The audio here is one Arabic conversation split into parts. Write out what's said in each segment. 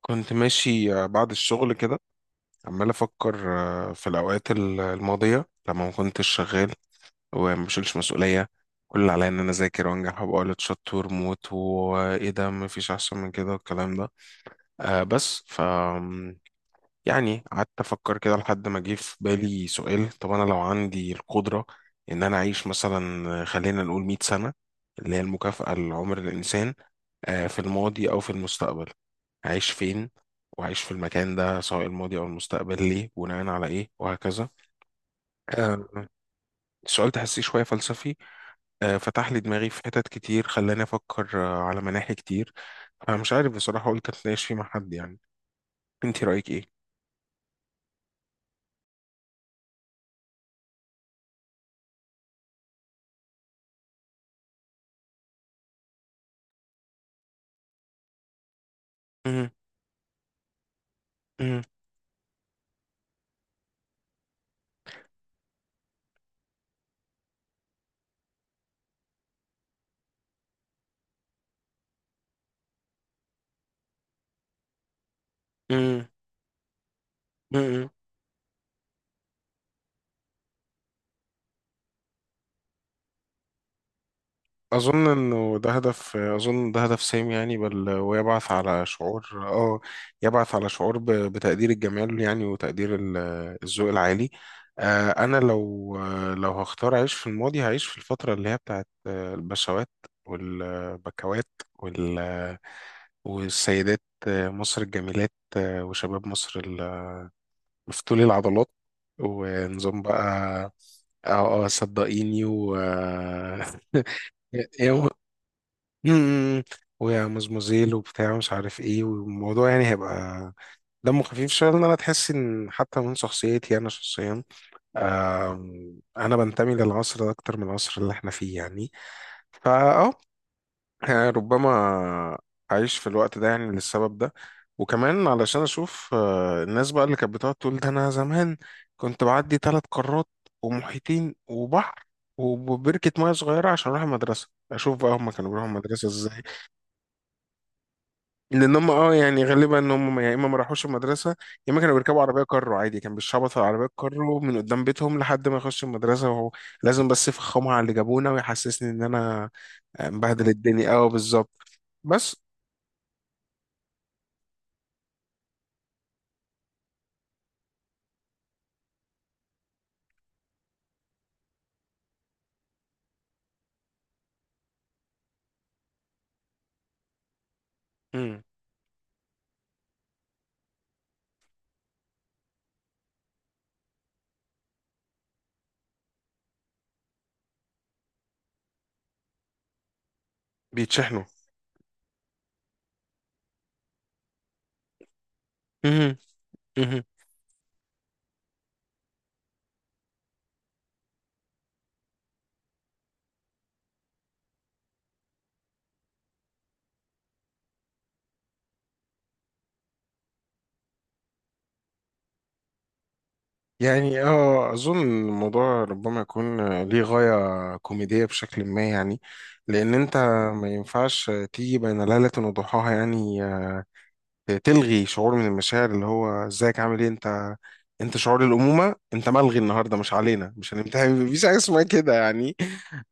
كنت ماشي، بعد الشغل كده عمال أفكر، في الأوقات الماضية لما ما كنتش شغال، وما بشيلش مسؤولية. كل اللي عليا إن أنا أذاكر وأنجح وأبقى ولد شطور موت. وإيه ده، مفيش أحسن من كده والكلام ده. بس يعني قعدت أفكر كده لحد ما جه في بالي سؤال. طب أنا لو عندي القدرة إن أنا أعيش مثلا، خلينا نقول 100 سنة، اللي هي المكافأة لعمر الإنسان، في الماضي أو في المستقبل، عايش فين؟ وعايش في المكان ده سواء الماضي أو المستقبل ليه؟ بناء على إيه؟ وهكذا. آه، السؤال تحسيه شوية فلسفي، فتح لي دماغي في حتت كتير، خلاني أفكر، على مناحي كتير. فمش عارف بصراحة، قلت أتناقش فيه مع حد يعني. أنت رأيك إيه؟ أظن إنه ده هدف، أظن ده هدف سامي يعني، بل ويبعث على شعور، يبعث على شعور بتقدير الجمال يعني، وتقدير الذوق العالي. أنا لو هختار أعيش في الماضي، هعيش في الفترة اللي هي بتاعت، البشوات والبكوات وال والسيدات، مصر الجميلات، وشباب مصر مفتولي العضلات. ونظام بقى. اه. اه صدقيني يوم. امم ويا مزمزيل وبتاع مش عارف ايه، والموضوع يعني هيبقى دمه خفيف شويه. لان انا تحس ان حتى من شخصيتي انا شخصيا، انا بنتمي للعصر ده اكتر من العصر اللي احنا فيه يعني. فاه آه، يعني ربما اعيش في الوقت ده يعني للسبب ده. وكمان علشان اشوف، الناس بقى اللي كانت بتقعد تقول ده، انا زمان كنت بعدي ثلاث قارات ومحيطين وبحر وبركة مياه صغيرة عشان أروح المدرسة. أشوف بقى هما كانوا بيروحوا المدرسة إزاي. لان هم، يعني غالبا ان هم، يا اما ما راحوش المدرسه، يا اما كانوا بيركبوا عربيه كارو عادي. كان بيشخبطوا على عربيه كارو من قدام بيتهم لحد ما يخش المدرسه. وهو لازم بس يفخمها على اللي جابونا ويحسسني ان انا، مبهدل الدنيا. اه، بالظبط. بس. مم. بيتشحنوا. مهم. مهم. يعني اظن الموضوع ربما يكون ليه غايه كوميديه بشكل ما يعني. لان انت ما ينفعش تيجي بين ليله وضحاها يعني، تلغي شعور من المشاعر. اللي هو، ازيك عامل ايه انت؟ انت شعور الامومه انت ملغي النهارده، مش علينا، مش هنمتحن يعني، مفيش حاجه اسمها كده يعني.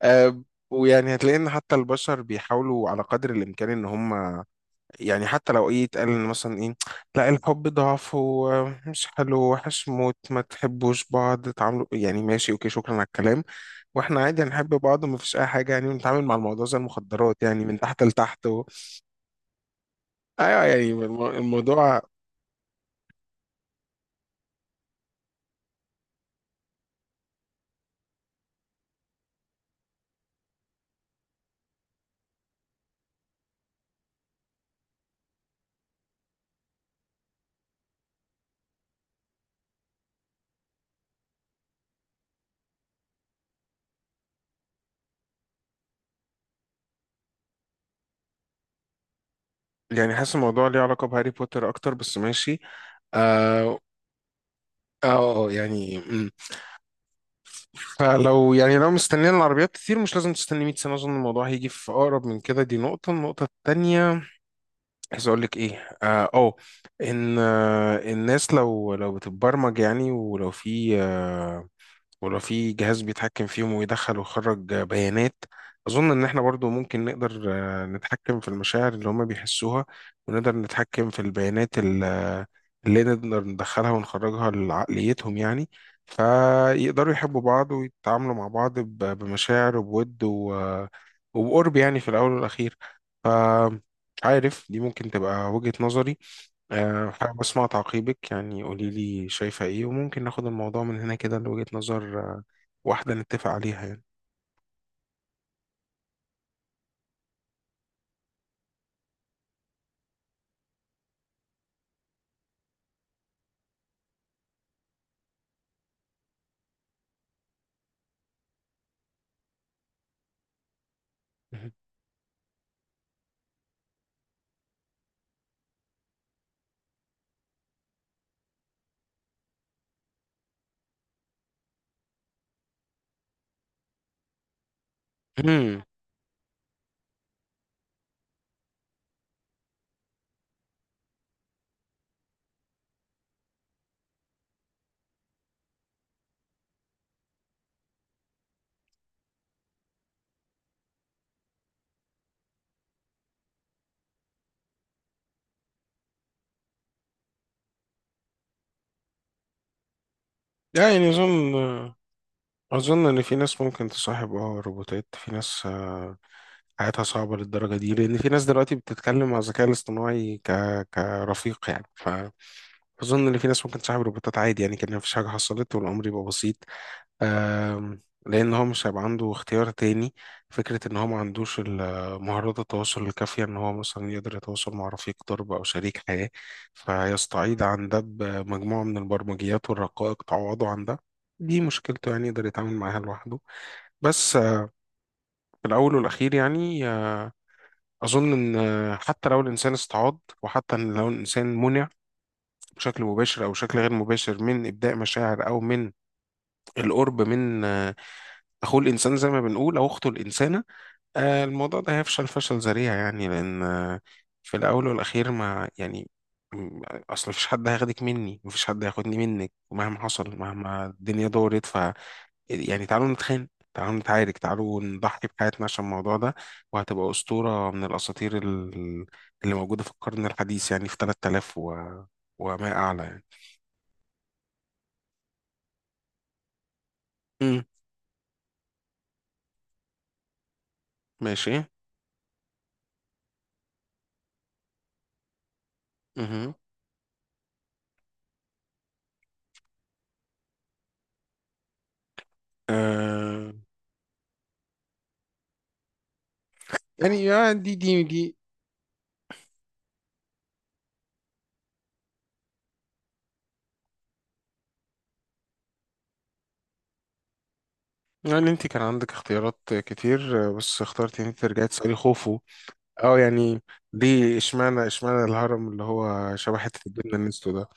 آه، ويعني هتلاقي ان حتى البشر بيحاولوا على قدر الامكان ان هم، يعني حتى لو ايه يتقال، إن مثلا ايه، لا الحب ضعف ومش حلو، وحش موت ما تحبوش بعض، تعاملوا يعني، ماشي، اوكي، شكرا على الكلام. واحنا عادي هنحب بعض وما فيش اي حاجه يعني، ونتعامل مع الموضوع زي المخدرات يعني، من تحت لتحت و... ايوه يعني الموضوع، يعني حاسس الموضوع ليه علاقة بهاري بوتر أكتر، بس ماشي. آه يعني مم. فلو يعني لو مستنيين العربيات كتير، مش لازم تستني 100 سنة، أظن الموضوع هيجي في أقرب من كده. دي النقطة التانية، عايز أقول لك إيه، آه أوه إن، الناس لو بتتبرمج يعني، ولو في ولو في جهاز بيتحكم فيهم ويدخل ويخرج بيانات، أظن إن إحنا برضو ممكن نقدر، نتحكم في المشاعر اللي هما بيحسوها، ونقدر نتحكم في البيانات اللي نقدر ندخلها ونخرجها لعقليتهم يعني. فيقدروا يحبوا بعض ويتعاملوا مع بعض، بمشاعر وبود وبقرب يعني، في الأول والأخير. ف- مش عارف، دي ممكن تبقى وجهة نظري. حابب أسمع تعقيبك يعني، قولي لي شايفة إيه، وممكن ناخد الموضوع من هنا كده لوجهة نظر، واحدة نتفق عليها يعني. مهم. مم. لا يعني أظن، إن في ناس ممكن تصاحب روبوتات. في ناس، حياتها صعبة للدرجة دي، لأن في ناس دلوقتي بتتكلم مع الذكاء الاصطناعي ك... كرفيق يعني. أظن إن في ناس ممكن تصاحب روبوتات عادي يعني، كأن مفيش حاجة حصلت، والأمر يبقى بسيط. لأن هو مش هيبقى عنده اختيار تاني. فكرة إن هو ما عندوش مهارات التواصل الكافية، إن هو مثلا يقدر يتواصل مع رفيق درب أو شريك حياة، فيستعيض عن ده بمجموعة من البرمجيات والرقائق تعوضه عن ده. دي مشكلته يعني، يقدر يتعامل معاها لوحده. بس، في الأول والأخير يعني، أظن إن، حتى لو الإنسان استعاض، وحتى إن لو الإنسان منع بشكل مباشر أو بشكل غير مباشر من إبداء مشاعر أو من القرب من، أخوه الإنسان زي ما بنقول، أو أخته الإنسانة، الموضوع ده هيفشل فشل ذريع يعني. لأن، في الأول والأخير ما يعني، م- أصل مفيش حد هياخدك مني، مفيش حد هياخدني منك، مهما حصل، مهما الدنيا دورت. يعني تعالوا نتخانق، تعالوا نتعارك، تعالوا نضحي بحياتنا عشان الموضوع ده. وهتبقى أسطورة من الأساطير اللي موجودة في القرن الحديث يعني، في 3000 و... وما أعلى يعني. مم. ماشي. مهم. آه يعني، دي يعني، انت كان عندك اختيارات كتير، بس اخترت ان انت ترجعي تسألي خوفو. اه يعني، ليه؟ اشمعنى الهرم اللي هو شبه حتة الجبنة النستو ده؟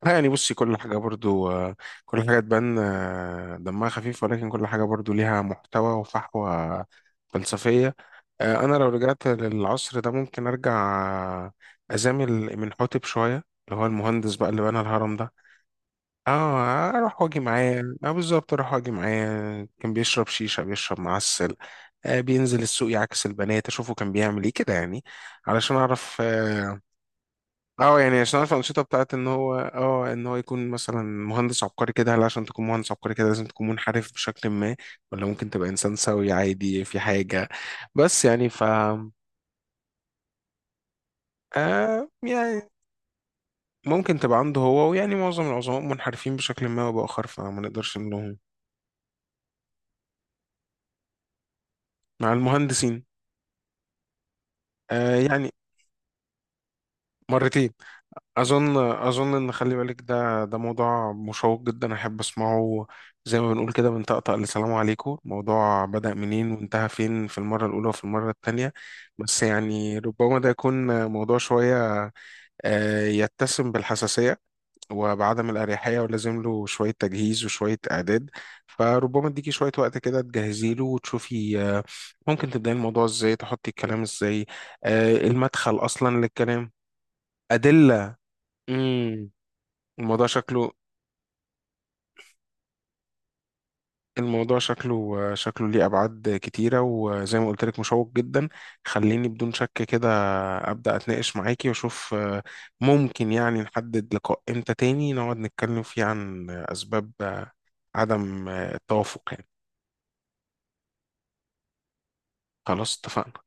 اه يعني، بصي كل حاجة برضو، كل حاجة تبان، دمها خفيف، ولكن كل حاجة برضو ليها محتوى وفحوى فلسفية. انا لو رجعت للعصر ده، ممكن ارجع، آه، ازامل من حوتب شوية، اللي هو المهندس بقى اللي بنى الهرم ده. اه، اروح واجي معاه. اه بالظبط، اروح واجي معاه، كان بيشرب شيشه، بيشرب معسل، بينزل السوق يعكس البنات. اشوفه كان بيعمل ايه كده يعني، علشان اعرف. يعني عشان اعرف الانشطه بتاعت ان هو، ان هو يكون مثلا مهندس عبقري كده. هل عشان تكون مهندس عبقري كده لازم تكون منحرف بشكل ما، ولا ممكن تبقى انسان سوي عادي في حاجه؟ بس يعني يعني ممكن تبقى عنده هو، ويعني معظم العظماء منحرفين بشكل ما او باخر، فما نقدرش نلومهم. مع المهندسين، يعني، مرتين. أظن إن، خلي بالك ده موضوع مشوق جدا أحب أسمعه، زي ما بنقول كده من طقطق لسلام عليكم. الموضوع بدأ منين وانتهى فين في المرة الأولى وفي المرة التانية؟ بس يعني، ربما ده يكون موضوع شوية، يتسم بالحساسية وبعدم الأريحية، ولازم له شوية تجهيز وشوية إعداد. فربما اديكي شوية وقت كده تجهزي له، وتشوفي، ممكن تبدأي الموضوع ازاي، تحطي الكلام ازاي، المدخل أصلا للكلام. أدلة. امم الموضوع شكله، الموضوع شكله ليه أبعاد كتيرة، وزي ما قلت لك، مشوق جدا. خليني بدون شك كده أبدأ أتناقش معاكي، وأشوف، ممكن يعني نحدد لقاء إمتى تاني نقعد نتكلم فيه عن أسباب، عدم، التوافق يعني. خلاص، اتفقنا.